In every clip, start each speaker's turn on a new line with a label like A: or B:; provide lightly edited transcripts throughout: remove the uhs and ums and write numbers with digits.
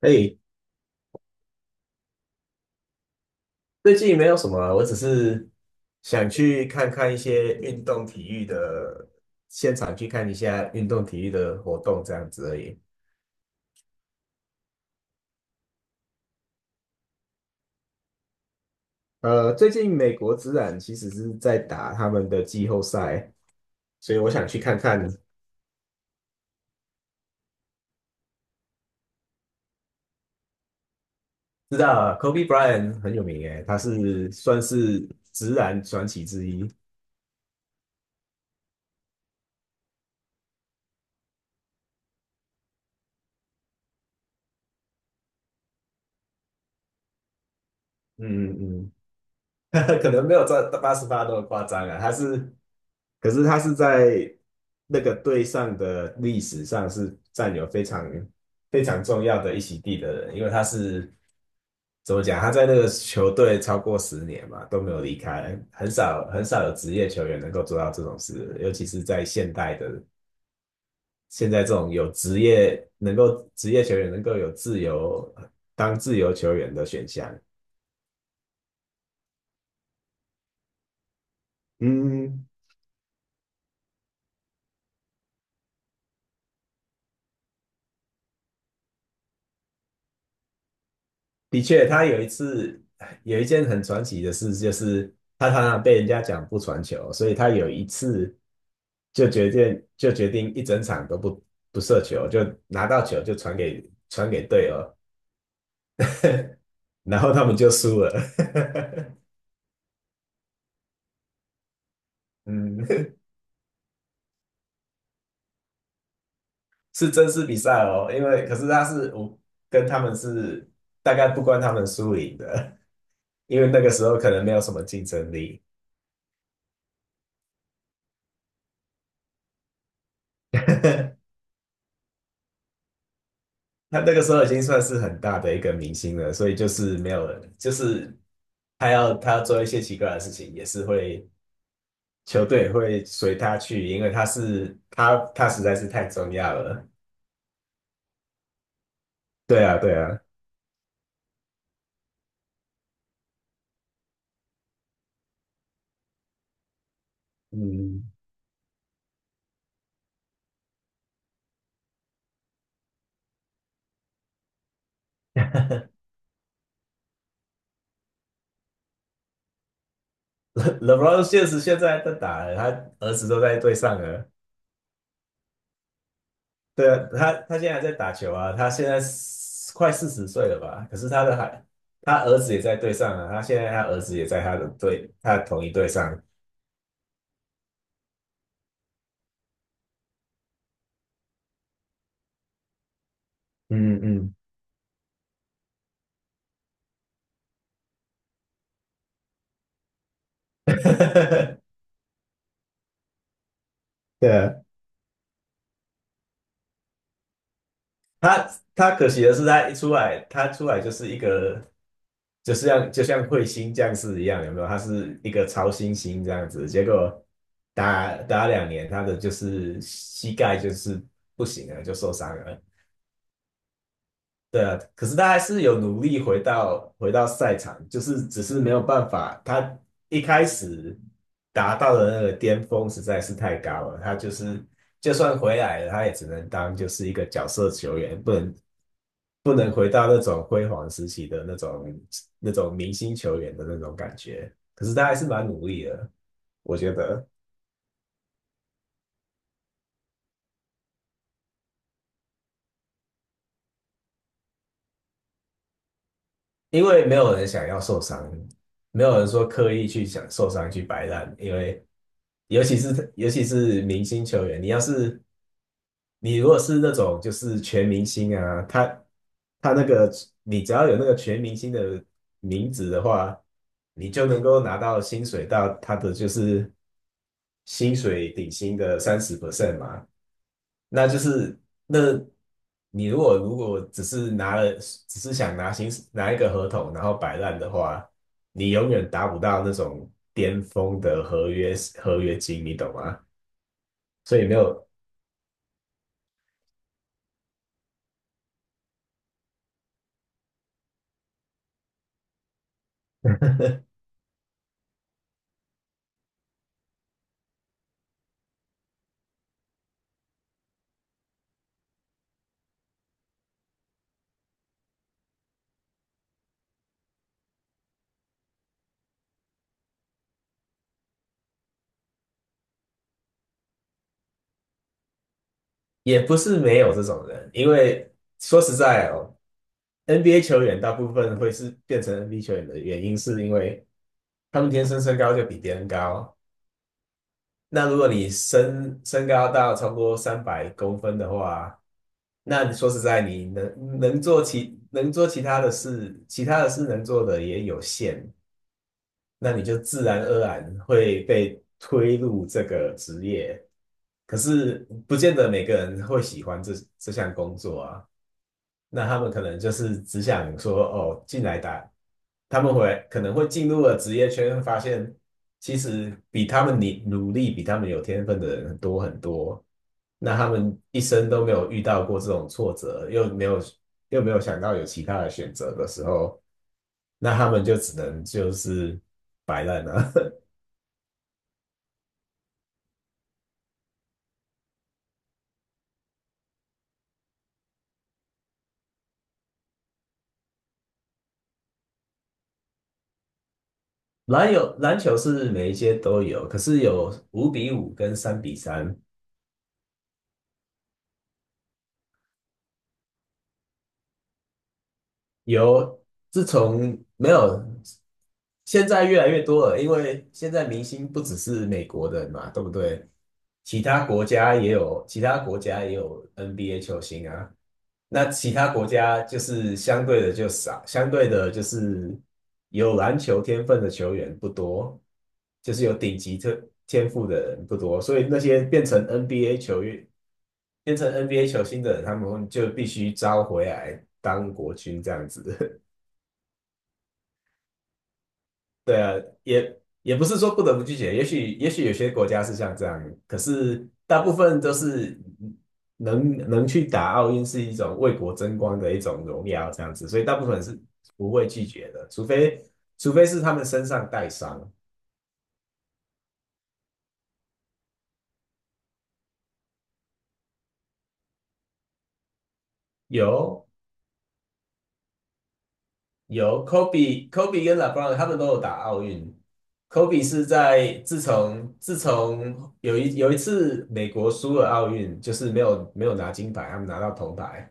A: 哎，最近没有什么啊，我只是想去看看一些运动体育的现场，去看一下运动体育的活动这样子而已。最近美国职篮其实是在打他们的季后赛，所以我想去看看。知道啊， Kobe Bryant 很有名诶，他是算是职篮传奇之一。嗯嗯。嗯，可能没有这88那么夸张啊，可是他是在那个队上的历史上是占有非常非常重要的一席地的人，因为他是怎么讲？他在那个球队超过10年嘛，都没有离开，很少很少有职业球员能够做到这种事，尤其是在现代的现在这种有职业能够职业球员能够有自由当自由球员的选项。嗯，的确，他有一次有一件很传奇的事，就是他常常被人家讲不传球，所以他有一次就决定一整场都不射球，就拿到球就传给队友，然后他们就输了。嗯，是真实比赛哦，因为可是他是我跟他们是大概不关他们输赢的，因为那个时候可能没有什么竞争力。他那个时候已经算是很大的一个明星了，所以就是没有人，就是他要做一些奇怪的事情，也是会球队会随他去，因为他实在是太重要了。对啊，对啊。嗯，LeBron 确实现在在打了，他儿子都在队上了。对啊，他现在还在打球啊，他现在是快40岁了吧？可是他的孩，他儿子也在队上啊，他现在他儿子也在他的队，他的同一队上。嗯嗯，对啊。他可惜的是，他出来就是一个，就是像就像彗星降世一样，有没有？他是一个超新星这样子，结果打2年，他的就是膝盖就是不行了，就受伤了。对啊，可是他还是有努力回到赛场，就是只是没有办法，他一开始达到的那个巅峰实在是太高了，他就是就算回来了，他也只能当就是一个角色球员，不能回到那种辉煌时期的那种明星球员的那种感觉。可是他还是蛮努力的，我觉得。因为没有人想要受伤，没有人说刻意去想受伤去摆烂，因为尤其是明星球员，你如果是那种就是全明星啊，他那个你只要有那个全明星的名字的话，你就能够拿到薪水到他的就是薪水底薪的30% 嘛。那就是那你如果只是想拿一个合同然后摆烂的话，你永远达不到那种巅峰的合约金，你懂吗？所以没有也不是没有这种人，因为说实在哦，NBA 球员大部分会是变成 NBA 球员的原因，是因为他们天生身高就比别人高。那如果你身高到超过300公分的话，那你说实在，你能做其他的事，能做的也有限。那你就自然而然会被推入这个职业。可是不见得每个人会喜欢这项工作啊。那他们可能就是只想说，哦，进来打，他们会可能会进入了职业圈，发现其实比他们努力、比他们有天分的人多很多。那他们一生都没有遇到过这种挫折，又没有想到有其他的选择的时候，那他们就只能就是摆烂了。有篮球是每一届都有，可是有5比5跟3比3。有自从没有，现在越来越多了，因为现在明星不只是美国人嘛，对不对？其他国家也有，其他国家也有 NBA 球星啊。那其他国家就是相对的就少，相对的就是有篮球天分的球员不多，就是有顶级天赋的人不多，所以那些变成 NBA 球员、变成 NBA 球星的人，他们就必须招回来当国军这样子。对啊，也也不是说不得不拒绝，也许有些国家是像这样，可是大部分都是能去打奥运是一种为国争光的一种荣耀这样子，所以大部分是不会拒绝的，除非是他们身上带伤。有有，Kobe 跟 LeBron 他们都有打奥运。Kobe 是在自从有一次美国输了奥运，就是没有拿金牌，他们拿到铜牌。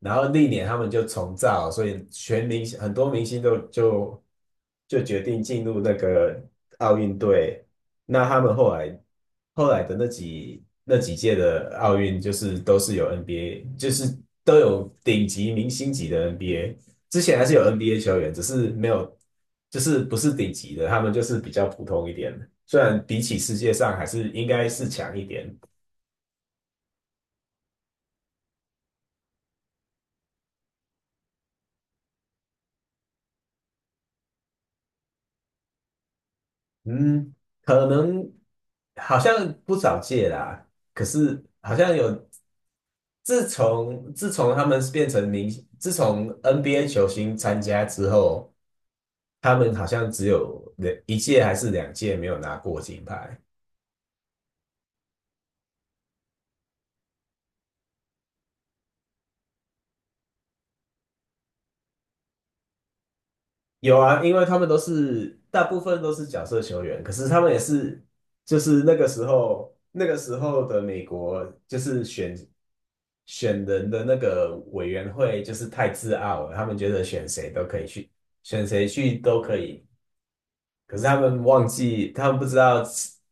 A: 然后历年他们就重造，所以全明星很多明星都就就决定进入那个奥运队。那他们后来的那几届的奥运，就是都是有 NBA，就是都有顶级明星级的 NBA。之前还是有 NBA 球员，只是没有，就是不是顶级的，他们就是比较普通一点。虽然比起世界上还是应该是强一点。嗯，可能好像不少届啦，可是好像有，自从他们变成明星自从 NBA 球星参加之后，他们好像只有两一届还是两届没有拿过金牌。有啊，因为他们都是大部分都是角色球员，可是他们也是就是那个时候的美国就是选人的那个委员会就是太自傲了，他们觉得选谁都可以去，选谁去都可以。可是他们忘记，他们不知道，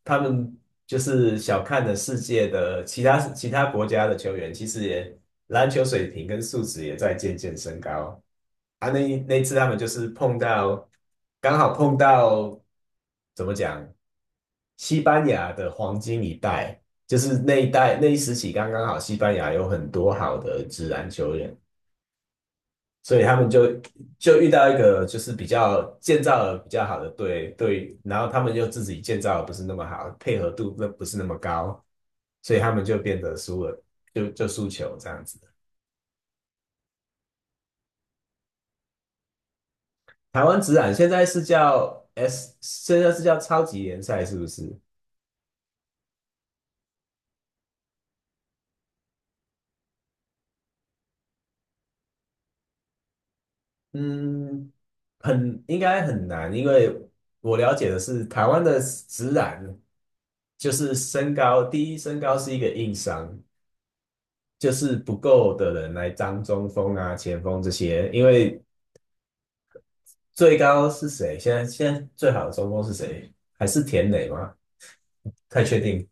A: 他们就是小看了世界的其他国家的球员，其实也篮球水平跟素质也在渐渐升高。啊，那一次他们就是碰到，刚好碰到怎么讲，西班牙的黄金一代，就是那一时期刚刚好，西班牙有很多好的职篮球员，所以他们就就遇到一个就是比较建造的比较好的队，然后他们就自己建造的不是那么好，配合度那不是那么高，所以他们就变得输了，就输球这样子。台湾职篮现在是叫 S，现在是叫超级联赛是不是？嗯，很应该很难，因为我了解的是台湾的职篮就是身高，第一身高是一个硬伤，就是不够的人来当中锋啊、前锋这些，因为最高是谁？现在最好的中锋是谁？还是田磊吗？太确定。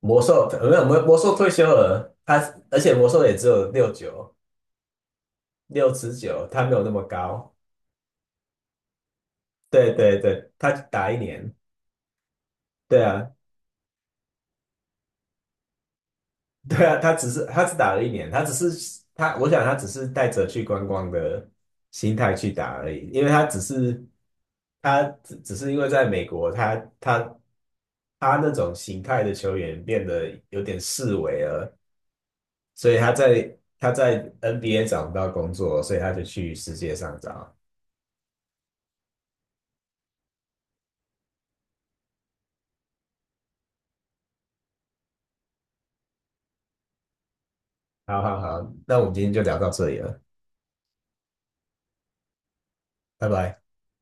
A: 魔兽呃没有魔兽退休了，他而且魔兽也只有69，他没有那么高。对对对，他打一年。对啊，对啊，他只打了一年，他只是他，我想他只是带着去观光的心态去打而已，因为他只是只是因为在美国，他那种形态的球员变得有点式微了，所以他在 NBA 找不到工作，所以他就去世界上找。好好好，那我们今天就聊到这里了。拜拜。